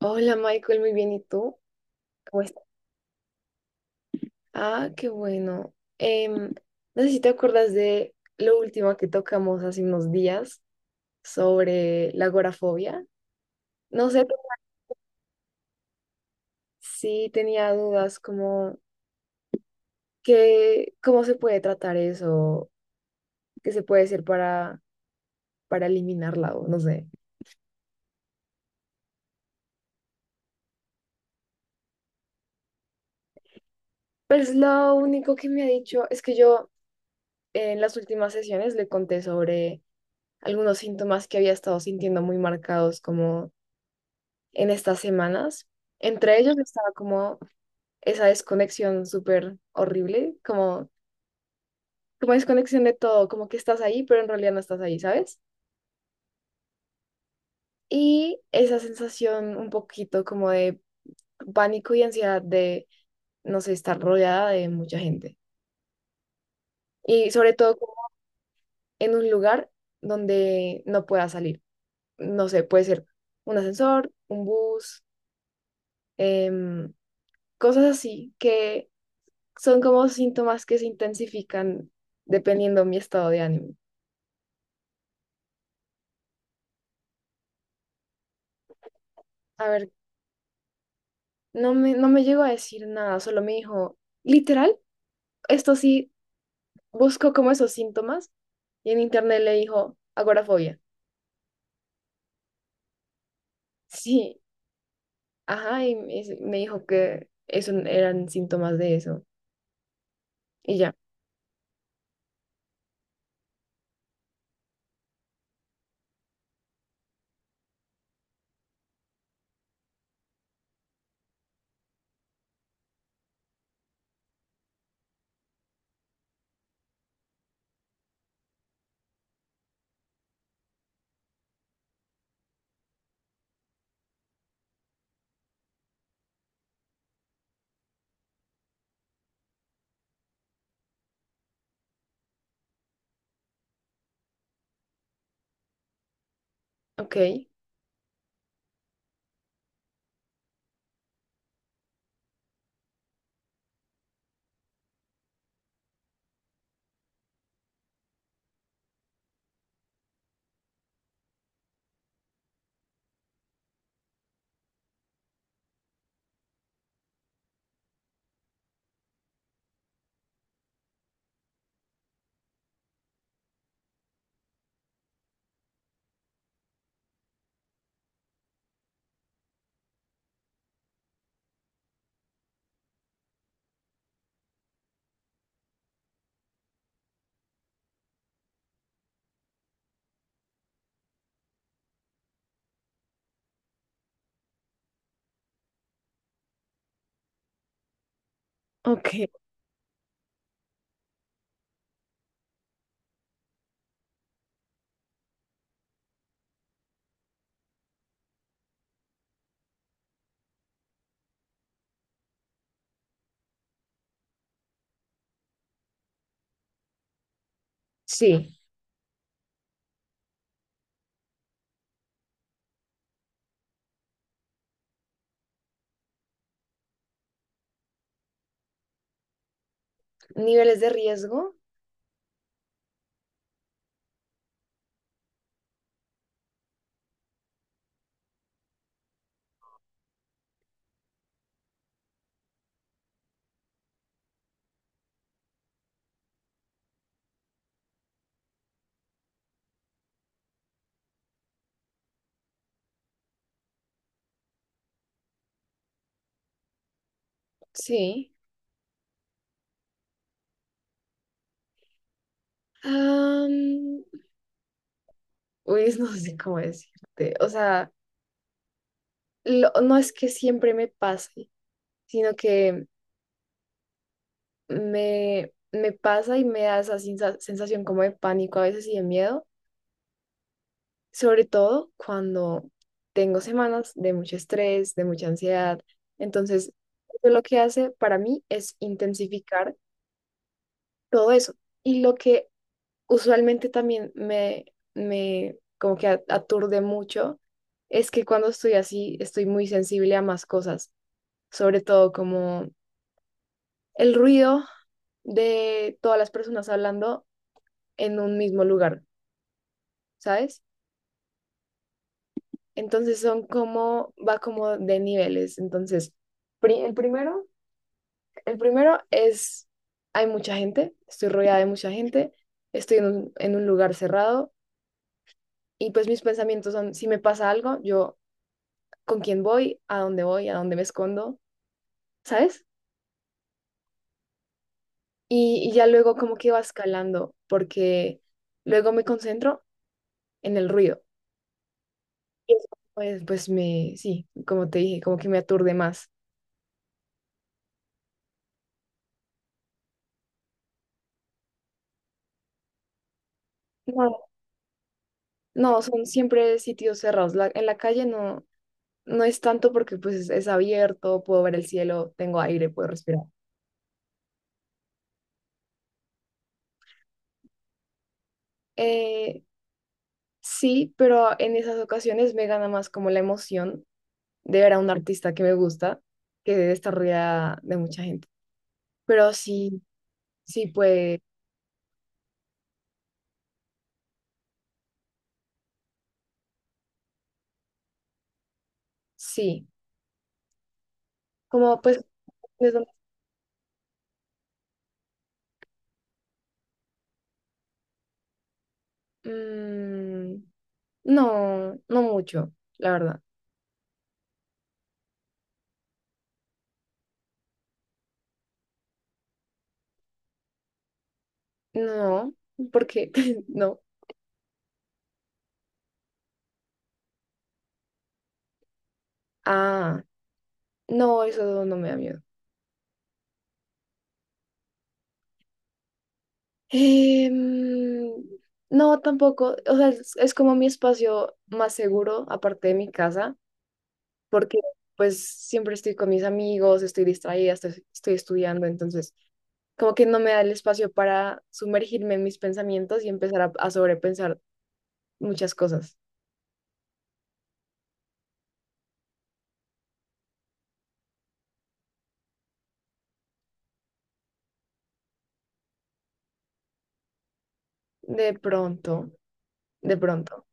Hola Michael, muy bien. ¿Y tú? ¿Cómo estás? Ah, qué bueno. No sé si te acuerdas de lo último que tocamos hace unos días sobre la agorafobia. No sé si tenía dudas como que, cómo se puede tratar eso, qué se puede hacer para eliminarla o no sé. Pues lo único que me ha dicho es que yo en las últimas sesiones le conté sobre algunos síntomas que había estado sintiendo muy marcados como en estas semanas. Entre ellos estaba como esa desconexión súper horrible, como desconexión de todo, como que estás ahí, pero en realidad no estás ahí, ¿sabes? Y esa sensación un poquito como de pánico y ansiedad de, no sé, estar rodeada de mucha gente. Y sobre todo como en un lugar donde no pueda salir. No sé, puede ser un ascensor, un bus, em, cosas así que son como síntomas que se intensifican dependiendo de mi estado de ánimo. A ver, no me llegó a decir nada, solo me dijo, literal, esto sí, buscó como esos síntomas y en internet le dijo agorafobia. Sí, ajá, y me dijo que eso eran síntomas de eso. Y ya, ok, ok, sí. ¿Niveles de riesgo? Sí. Am, Uy, no sé cómo decirte. O sea, no es que siempre me pase, sino que me pasa y me da esa sensación como de pánico a veces y de miedo, sobre todo cuando tengo semanas de mucho estrés, de mucha ansiedad. Entonces, eso lo que hace para mí es intensificar todo eso. Y lo que usualmente también me como que aturde mucho es que cuando estoy así, estoy muy sensible a más cosas, sobre todo como el ruido de todas las personas hablando en un mismo lugar, ¿sabes? Entonces son como, va como de niveles. Entonces, pri- el primero, el primero es, hay mucha gente, estoy rodeada de mucha gente, estoy en en un lugar cerrado y pues mis pensamientos son, si me pasa algo, yo con quién voy, a dónde me escondo, ¿sabes? Y ya luego como que va escalando porque luego me concentro en el ruido. Y eso, pues, sí, como te dije, como que me aturde más. No, son siempre sitios cerrados. En la calle no es tanto porque pues es abierto, puedo ver el cielo, tengo aire, puedo respirar. Eh, sí, pero en esas ocasiones me gana más como la emoción de ver a un artista que me gusta que de estar rodeada de mucha gente. Pero sí, sí, pues sí. Como pues, es donde- mm, no, no mucho, la verdad. No, porque no. Ah, no, eso no me da miedo. Em, no, tampoco. O sea, es como mi espacio más seguro, aparte de mi casa, porque pues siempre estoy con mis amigos, estoy distraída, estoy estudiando, entonces como que no me da el espacio para sumergirme en mis pensamientos y empezar a sobrepensar muchas cosas. De pronto, de pronto.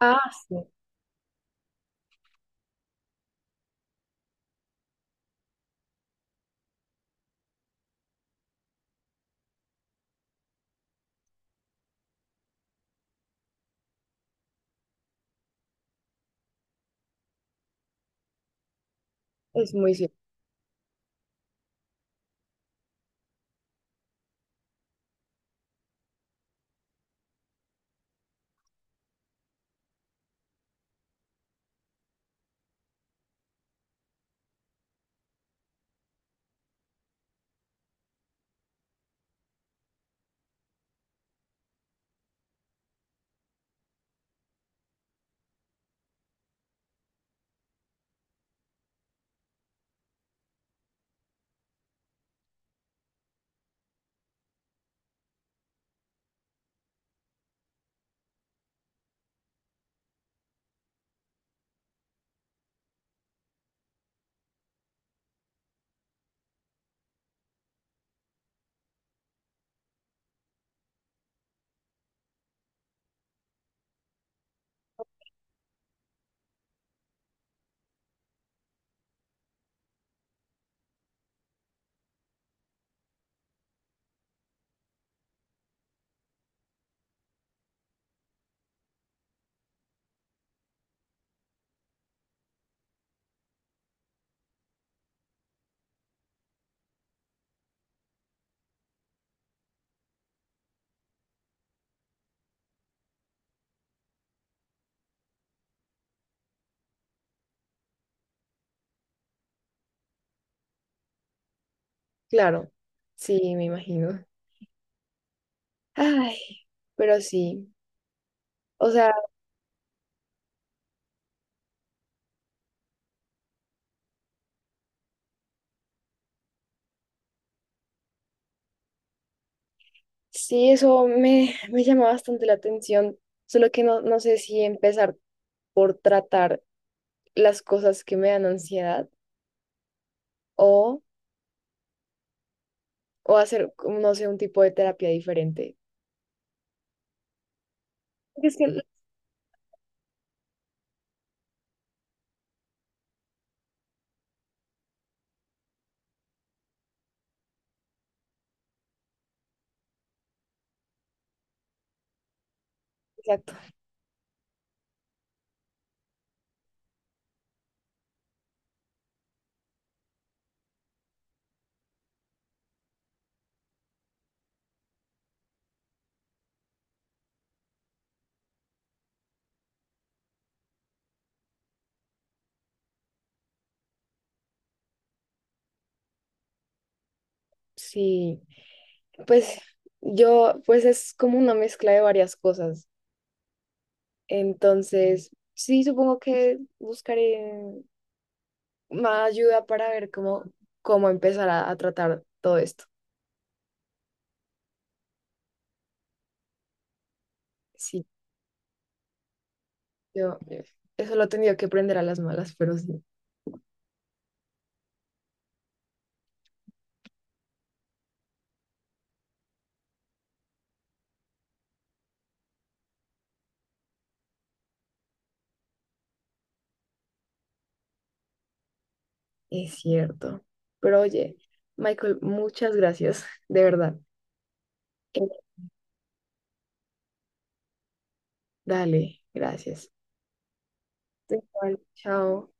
Ah, sí, es muy cierto. Claro, sí, me imagino. Ay, pero sí. O sea, sí, eso me llama bastante la atención, solo que no, no sé si empezar por tratar las cosas que me dan ansiedad o, o hacer, como, no sé, un tipo de terapia diferente. Es que, exacto, sí, pues yo, pues es como una mezcla de varias cosas. Entonces, sí, supongo que buscaré más ayuda para ver cómo, cómo empezar a tratar todo esto. Sí. Yo, eso lo he tenido que aprender a las malas, pero sí, es cierto. Pero oye, Michael, muchas gracias, de verdad. Eh, dale, gracias. Igual, chao.